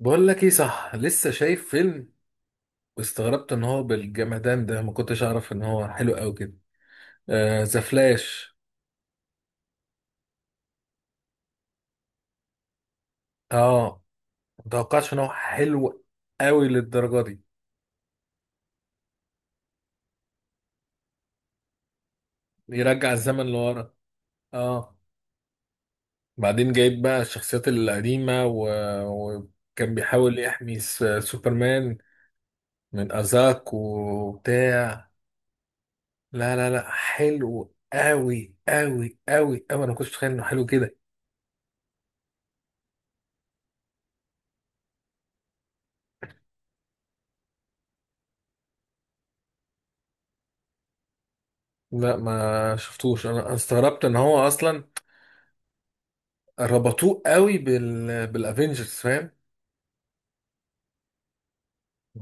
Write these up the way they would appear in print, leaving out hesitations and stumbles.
بقول لك ايه، صح لسه شايف فيلم واستغربت ان هو بالجمدان ده، ما كنتش اعرف ان هو حلو قوي كده. آه ذا فلاش. اه، ما توقعتش ان هو حلو قوي للدرجه دي. يرجع الزمن لورا. اه بعدين جايب بقى الشخصيات القديمه وكان بيحاول يحمي سوبرمان من ازاك وبتاع. لا لا لا، حلو قوي قوي قوي قوي، انا ما كنتش متخيل انه حلو كده. لا ما شفتوش، انا أنا استغربت ان هو اصلا ربطوه قوي بالافينجرز، فاهم؟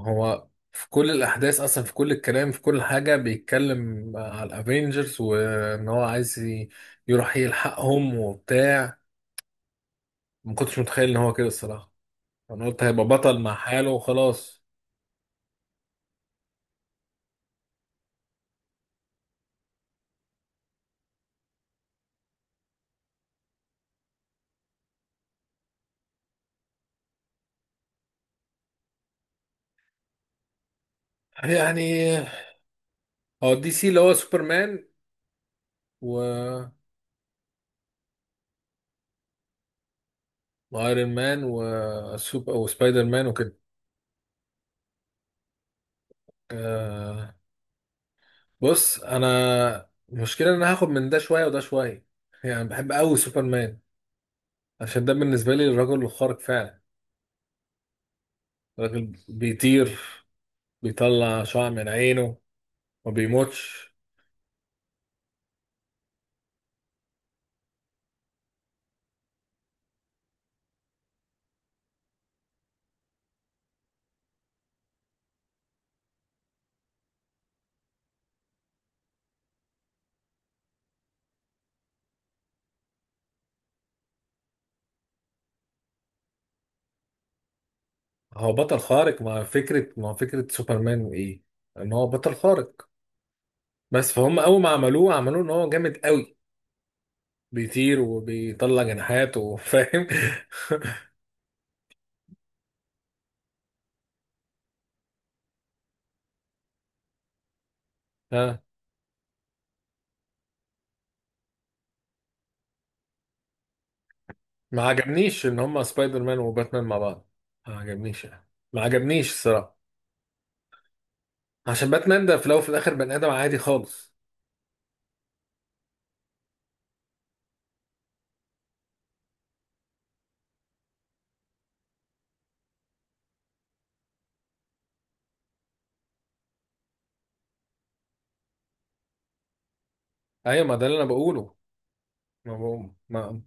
هو في كل الاحداث اصلا، في كل الكلام، في كل حاجه بيتكلم على الافينجرز، وان هو عايز يروح يلحقهم وبتاع. ما كنتش متخيل ان هو كده الصراحه. انا قلت هيبقى بطل مع حاله وخلاص. يعني هو دي سي اللي هو سوبرمان و وايرون مان وسبايدر مان وكده. آه، بص انا المشكله ان انا هاخد من ده شويه وده شويه. يعني بحب قوي سوبرمان عشان ده بالنسبة لي الرجل الخارق فعلا. الراجل بيطير، بيطلع شعاع من عينه، ما بيموتش. هو بطل خارق، مع فكرة مع فكرة سوبرمان ايه؟ ان هو بطل خارق. بس فهم اول ما عملوه، عملوه ان هو جامد قوي، بيطير وبيطلع جناحات وفاهم. ها. ما عجبنيش ان هم سبايدر مان وباتمان مع بعض. ما عجبنيش يعني. ما عجبنيش الصراحة، عشان باتمان ده في الاول وفي الاخر بني ادم عادي خالص. ايوه ما ده اللي انا بقوله. ما, بقوم. ما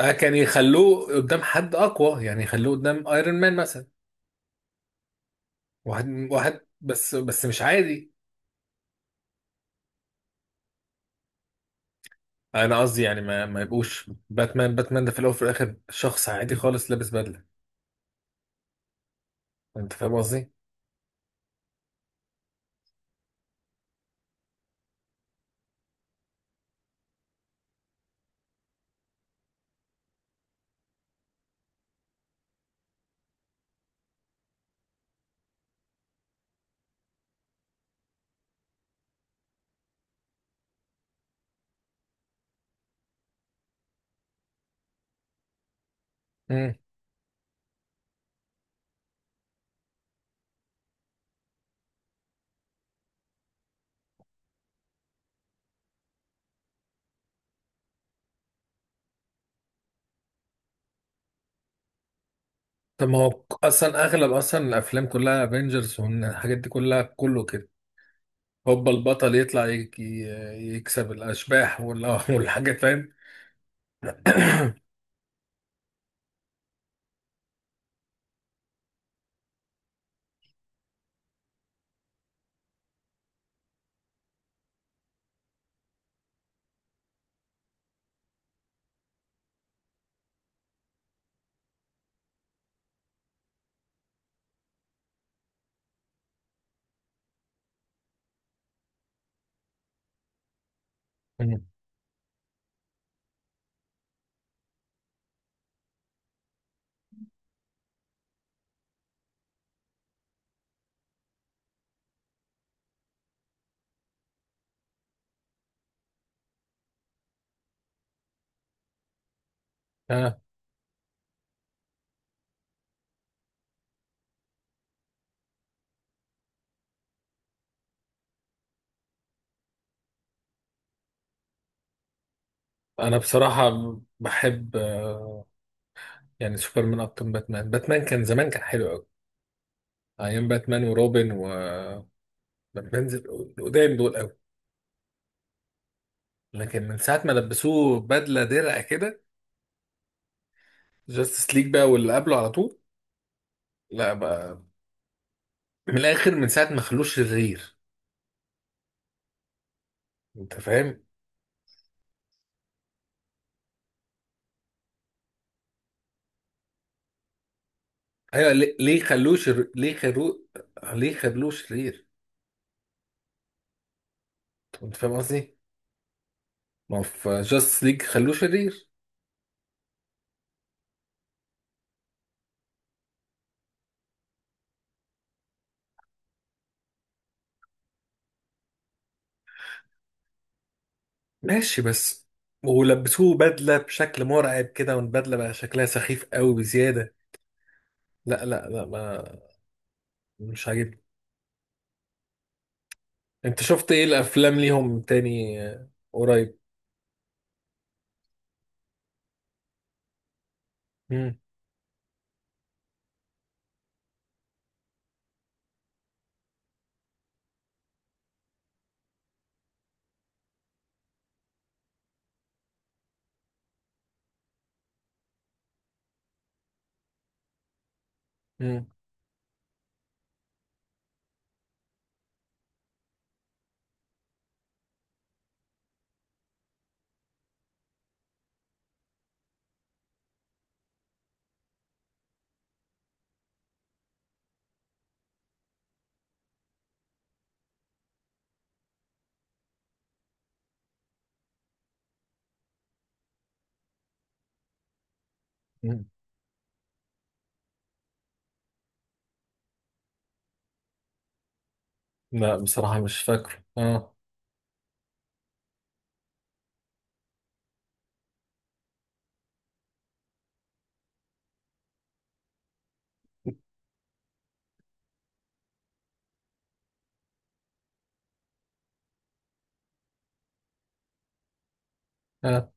آه، كان يخلوه قدام حد اقوى، يعني يخلوه قدام ايرون مان مثلا. واحد واحد بس بس مش عادي. انا قصدي يعني ما يبقوش باتمان، باتمان ده في الاول وفي الاخر شخص عادي خالص لابس بدله، انت فاهم قصدي؟ امم، طب ما هو اصلا اغلب اصلا الافلام كلها افنجرز والحاجات دي كلها كله كده. هوبا البطل يطلع يكسب الاشباح والحاجات، فاهم. مم. آه. انا بصراحه بحب يعني سوبرمان اكتر من باتمان. باتمان كان زمان كان حلو، ايام باتمان وروبن وبنزل القدام دول قوي. لكن من ساعه ما لبسوه بدله درع كده، جاستس ليج بقى واللي قبله على طول، لا بقى. من الاخر، من ساعه ما خلوه شرير، انت فاهم. ايوه ليه ليه ليه خلوه ليه خلوه شرير، انت فاهم قصدي؟ ما هو في جاستس ليج خلوه شرير. ماشي بس ولبسوه بدله بشكل مرعب كده، والبدله بقى شكلها سخيف قوي بزياده. لا لا لا ما مش عاجبني. انت شفت ايه الافلام ليهم تاني آه، قريب؟ مم. مم. مم. لا بصراحة مش فاكره. اه اه،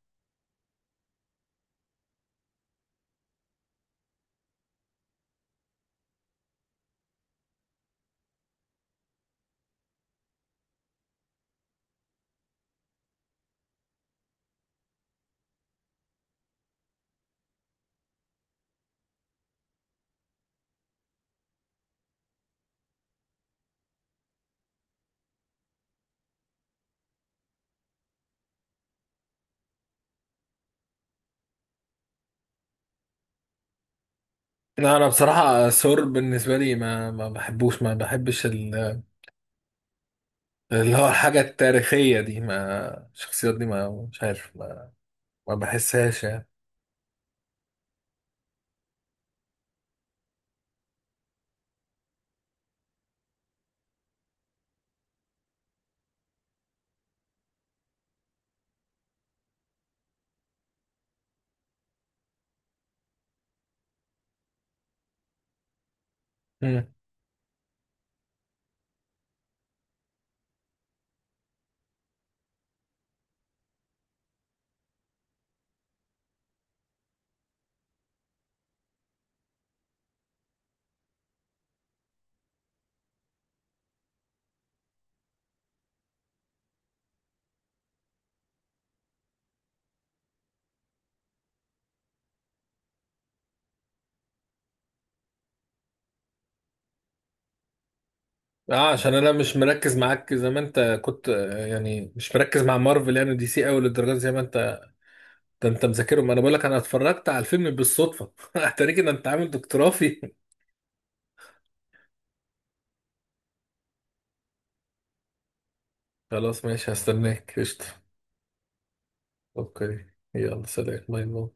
لا انا بصراحة سور بالنسبة لي ما بحبوش، ما بحبش اللي هو الحاجة التاريخية دي، ما الشخصيات دي ما مش عارف ما بحسهاش يعني. مم. اه عشان انا مش مركز معاك زي ما انت كنت يعني مش مركز مع مارفل يعني دي سي قوي للدرجة دي زي ما انت. ده انت مذاكرهم، انا بقول لك انا اتفرجت على الفيلم بالصدفة اتاريك ان انت عامل دكتوراه فيه. خلاص ماشي، هستناك قشطة. اوكي، يلا سلام باي باي.